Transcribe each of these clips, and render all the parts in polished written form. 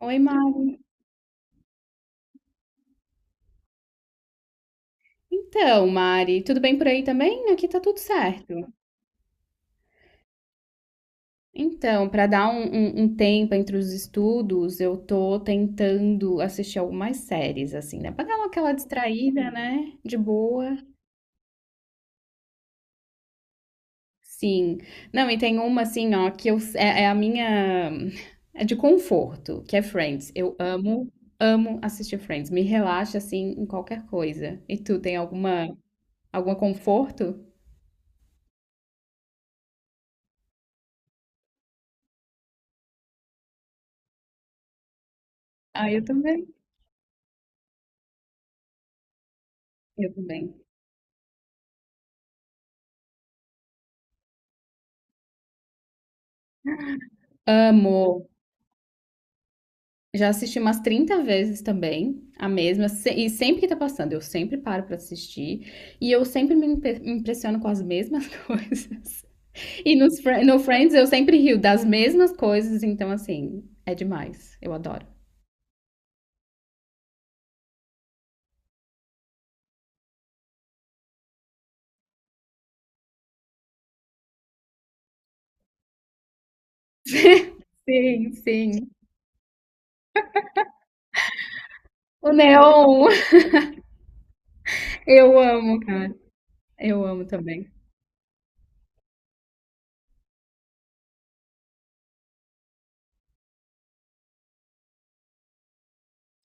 Oi, Mari. Então, Mari, tudo bem por aí também? Aqui tá tudo certo. Então, para dar um tempo entre os estudos, eu tô tentando assistir algumas séries, assim, né? Pra dar aquela distraída, né? De boa. Sim. Não, e tem uma, assim, ó, que eu, é a minha. É de conforto, que é Friends. Eu amo, amo assistir Friends. Me relaxa, assim, em qualquer coisa. E tu tem alguma, algum conforto? Ah, eu também. Eu também. Amo. Já assisti umas 30 vezes também, a mesma, e sempre que tá passando, eu sempre paro pra assistir, e eu sempre me impressiono com as mesmas coisas. E no Friends eu sempre rio das mesmas coisas, então assim, é demais, eu adoro. Sim, sim. O Neon, eu amo, cara, eu amo também.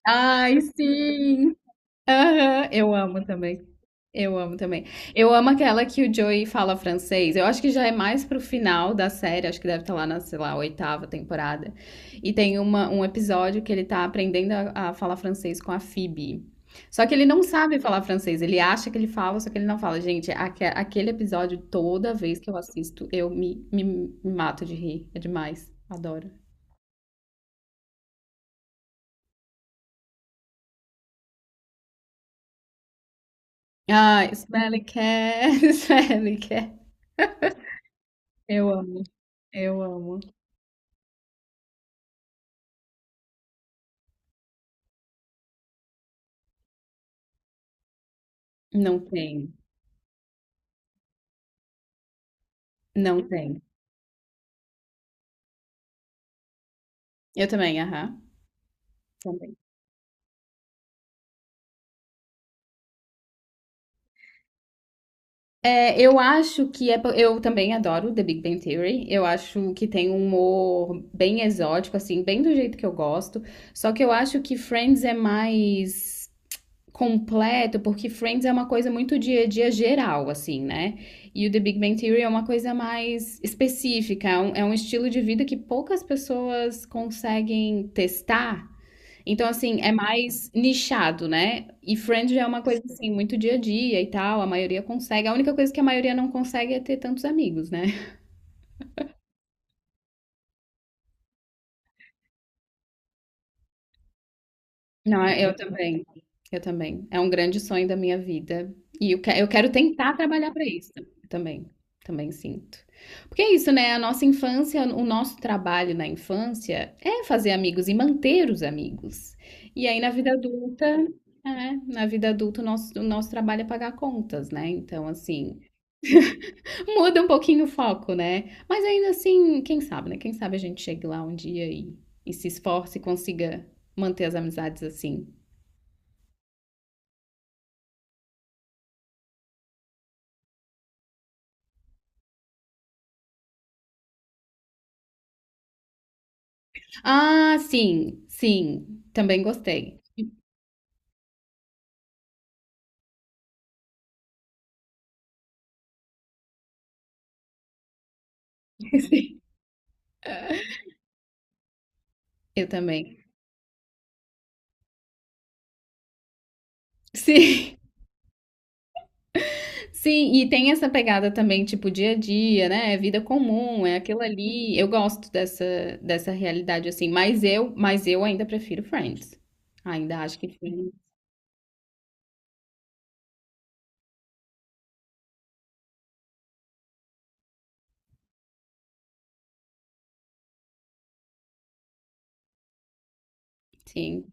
Ai, sim! Aham, eu amo também. Eu amo também. Eu amo aquela que o Joey fala francês. Eu acho que já é mais pro final da série, acho que deve estar lá na, sei lá, oitava temporada. E tem uma, um episódio que ele tá aprendendo a falar francês com a Phoebe. Só que ele não sabe falar francês, ele acha que ele fala, só que ele não fala. Gente, aquele episódio, toda vez que eu assisto, eu me mato de rir. É demais. Adoro. Ah, Smelly Cat, Smelly Cat. Eu amo, eu amo. Não tem, não tem. Eu também, aham, também. É, eu acho que é. Eu também adoro The Big Bang Theory. Eu acho que tem um humor bem exótico, assim, bem do jeito que eu gosto. Só que eu acho que Friends é mais completo, porque Friends é uma coisa muito dia a dia geral, assim, né? E o The Big Bang Theory é uma coisa mais específica. É um estilo de vida que poucas pessoas conseguem testar. Então, assim, é mais nichado, né? E Friends já é uma coisa, assim, muito dia a dia e tal, a maioria consegue. A única coisa que a maioria não consegue é ter tantos amigos, né? Não, eu também. Eu também. É um grande sonho da minha vida. E eu, eu quero tentar trabalhar para isso também. Também sinto. Porque é isso, né? A nossa infância, o nosso trabalho na infância é fazer amigos e manter os amigos. E aí na vida adulta, na vida adulta, o nosso trabalho é pagar contas, né? Então, assim. Muda um pouquinho o foco, né? Mas ainda assim, quem sabe, né? Quem sabe a gente chegue lá um dia e se esforce e consiga manter as amizades assim. Ah, sim, sim. Também gostei. Sim. Eu também. Sim, sim, e tem essa pegada também, tipo, dia a dia, né? É vida comum, é aquilo ali. Eu gosto dessa realidade, assim, mas eu ainda prefiro Friends. Ainda acho que Friends, sim.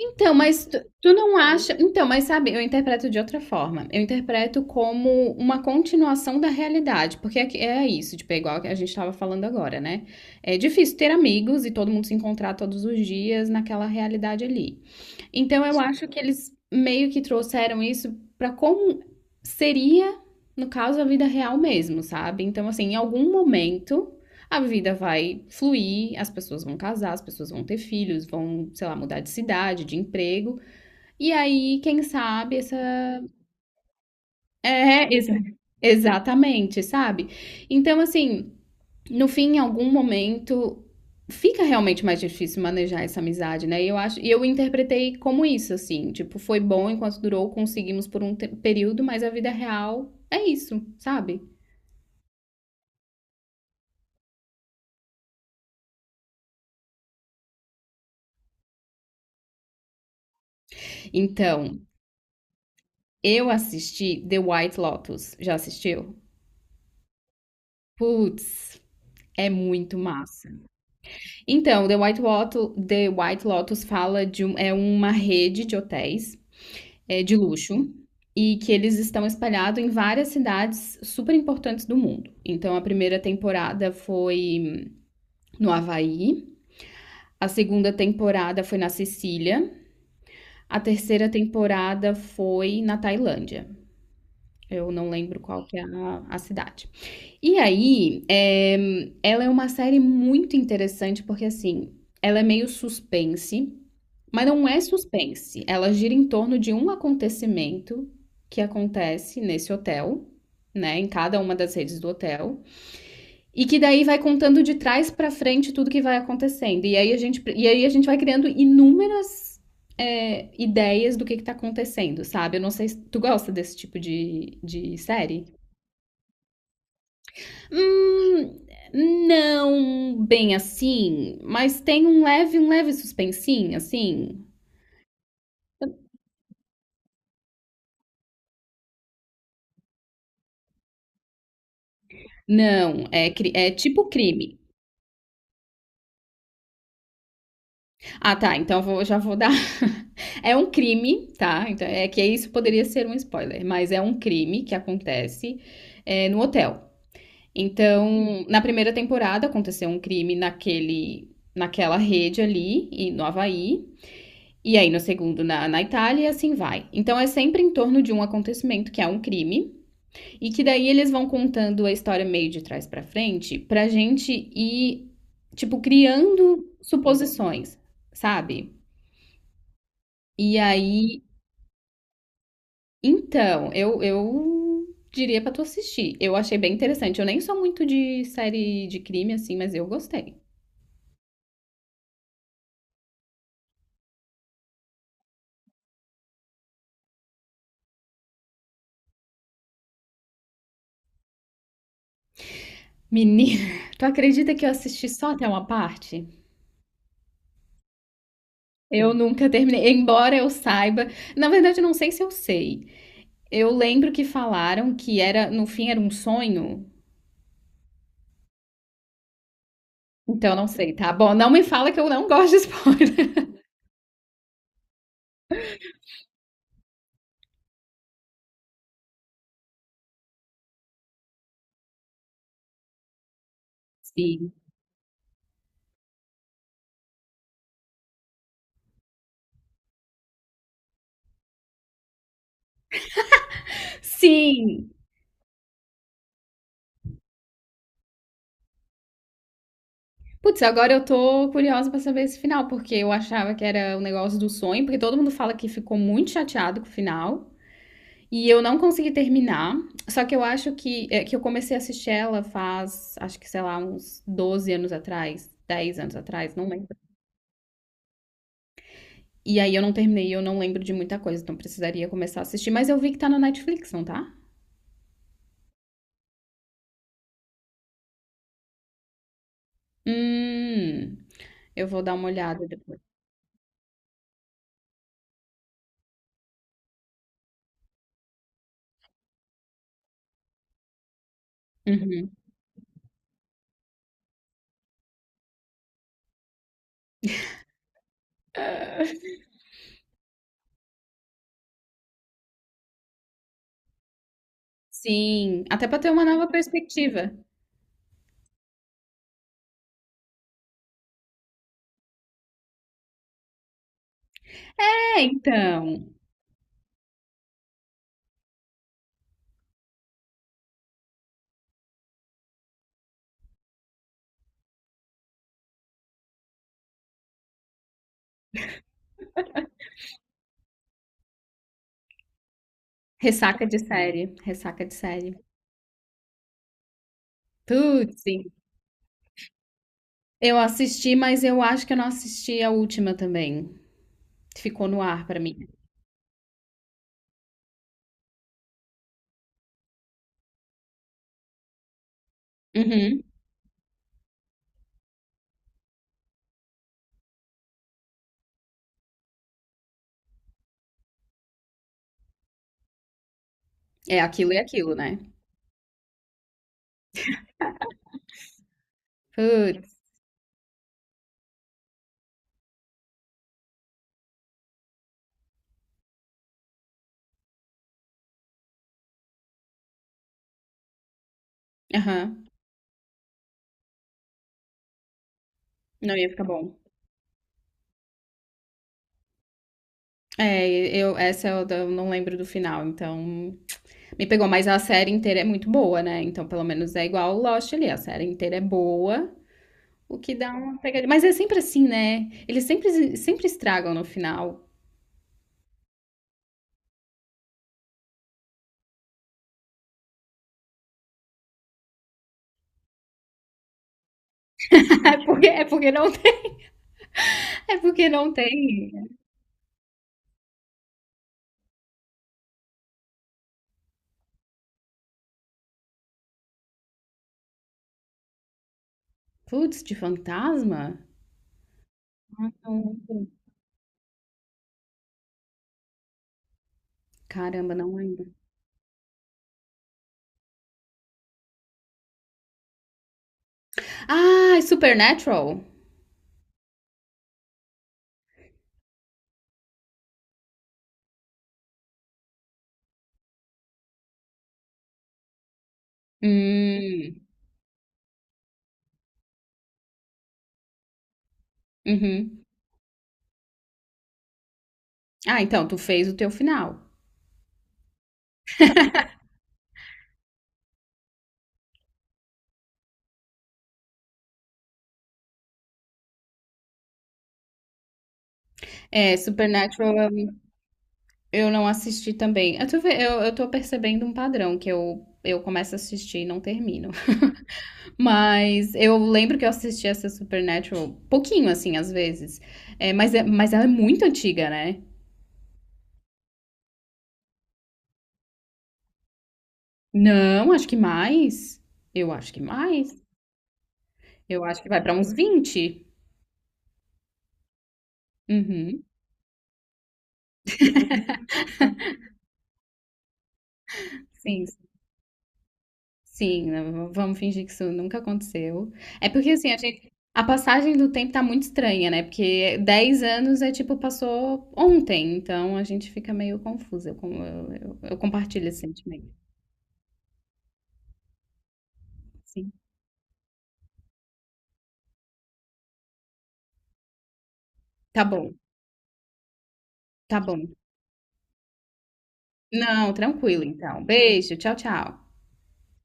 Então, mas tu não acha. Então, mas sabe, eu interpreto de outra forma. Eu interpreto como uma continuação da realidade, porque é isso, tipo, é igual que a gente estava falando agora, né? É difícil ter amigos e todo mundo se encontrar todos os dias naquela realidade ali. Então eu acho que eles meio que trouxeram isso pra como seria, no caso, a vida real mesmo, sabe? Então, assim, em algum momento a vida vai fluir, as pessoas vão casar, as pessoas vão ter filhos, vão, sei lá, mudar de cidade, de emprego. E aí, quem sabe, essa. É, exatamente, sabe? Então, assim no fim, em algum momento, fica realmente mais difícil manejar essa amizade, né? E eu acho, e eu interpretei como isso, assim, tipo, foi bom enquanto durou, conseguimos por um período, mas a vida real é isso, sabe? Então, eu assisti The White Lotus. Já assistiu? Putz, é muito massa. Então, The White Lotus fala de um, é uma rede de hotéis de luxo e que eles estão espalhados em várias cidades super importantes do mundo. Então a primeira temporada foi no Havaí, a segunda temporada foi na Sicília, a terceira temporada foi na Tailândia. Eu não lembro qual que é a cidade. E aí, ela é uma série muito interessante porque assim, ela é meio suspense, mas não é suspense. Ela gira em torno de um acontecimento que acontece nesse hotel, né, em cada uma das redes do hotel, e que daí vai contando de trás pra frente tudo que vai acontecendo. E aí a gente vai criando inúmeras ideias do que tá acontecendo, sabe? Eu não sei se tu gosta desse tipo de série. Hum, não bem assim, mas tem um leve suspensinho, assim. Não, é tipo crime. Ah, tá. Então já vou dar. É um crime, tá? Então é que isso poderia ser um spoiler, mas é um crime que acontece no hotel. Então, na primeira temporada aconteceu um crime naquele, naquela rede ali e no Havaí. E aí, no segundo, na Itália, e assim vai. Então, é sempre em torno de um acontecimento, que é um crime, e que daí eles vão contando a história meio de trás pra frente, pra gente ir, tipo, criando suposições, sabe? E aí, então, eu diria pra tu assistir. Eu achei bem interessante. Eu nem sou muito de série de crime assim, mas eu gostei. Menina, tu acredita que eu assisti só até uma parte? Eu nunca terminei, embora eu saiba. Na verdade, eu não sei se eu sei. Eu lembro que falaram que era, no fim, era um sonho. Então, eu não sei, tá? Bom, não me fala que eu não gosto de spoiler. Sim. Sim, Putz, agora eu tô curiosa pra saber esse final, porque eu achava que era o negócio do sonho, porque todo mundo fala que ficou muito chateado com o final, e eu não consegui terminar. Só que eu acho que eu comecei a assistir ela faz, acho que, sei lá, uns 12 anos atrás, 10 anos atrás, não lembro. E aí eu não terminei, eu não lembro de muita coisa, então precisaria começar a assistir. Mas eu vi que tá na Netflix, não tá? Hum, eu vou dar uma olhada depois. Uhum. Sim, até pra ter uma nova perspectiva. É, então. Ressaca de série, ressaca de série. Putz, sim. Eu assisti, mas eu acho que eu não assisti a última também. Ficou no ar pra mim. Uhum. É aquilo e aquilo, né? Putz. Aham. Não ia ficar bom. É, eu essa eu da- eu não lembro do final, então me pegou, mas a série inteira é muito boa, né? Então, pelo menos é igual o Lost ali, a série inteira é boa, o que dá uma pegadinha. Mas é sempre assim, né? Eles sempre sempre estragam no final. É porque é porque não é porque não tem. Putz, de fantasma? Não lembro. Caramba, não lembro. Ah, é Supernatural? Hum, uhum. Ah, então, tu fez o teu final. É, Supernatural eu não assisti também. Eu tô percebendo um padrão que eu começo a assistir e não termino. Mas eu lembro que eu assisti essa Supernatural pouquinho, assim, às vezes. É, mas ela é muito antiga, né? Não, acho que mais. Eu acho que mais. Eu acho que vai pra uns 20. Uhum. Sim, sim, não, vamos fingir que isso nunca aconteceu. É porque assim, a gente, a passagem do tempo tá muito estranha, né? Porque 10 anos é tipo, passou ontem, então a gente fica meio confusa. Eu compartilho esse sentimento. Sim. Tá bom, tá bom. Não, tranquilo então. Beijo, tchau, tchau.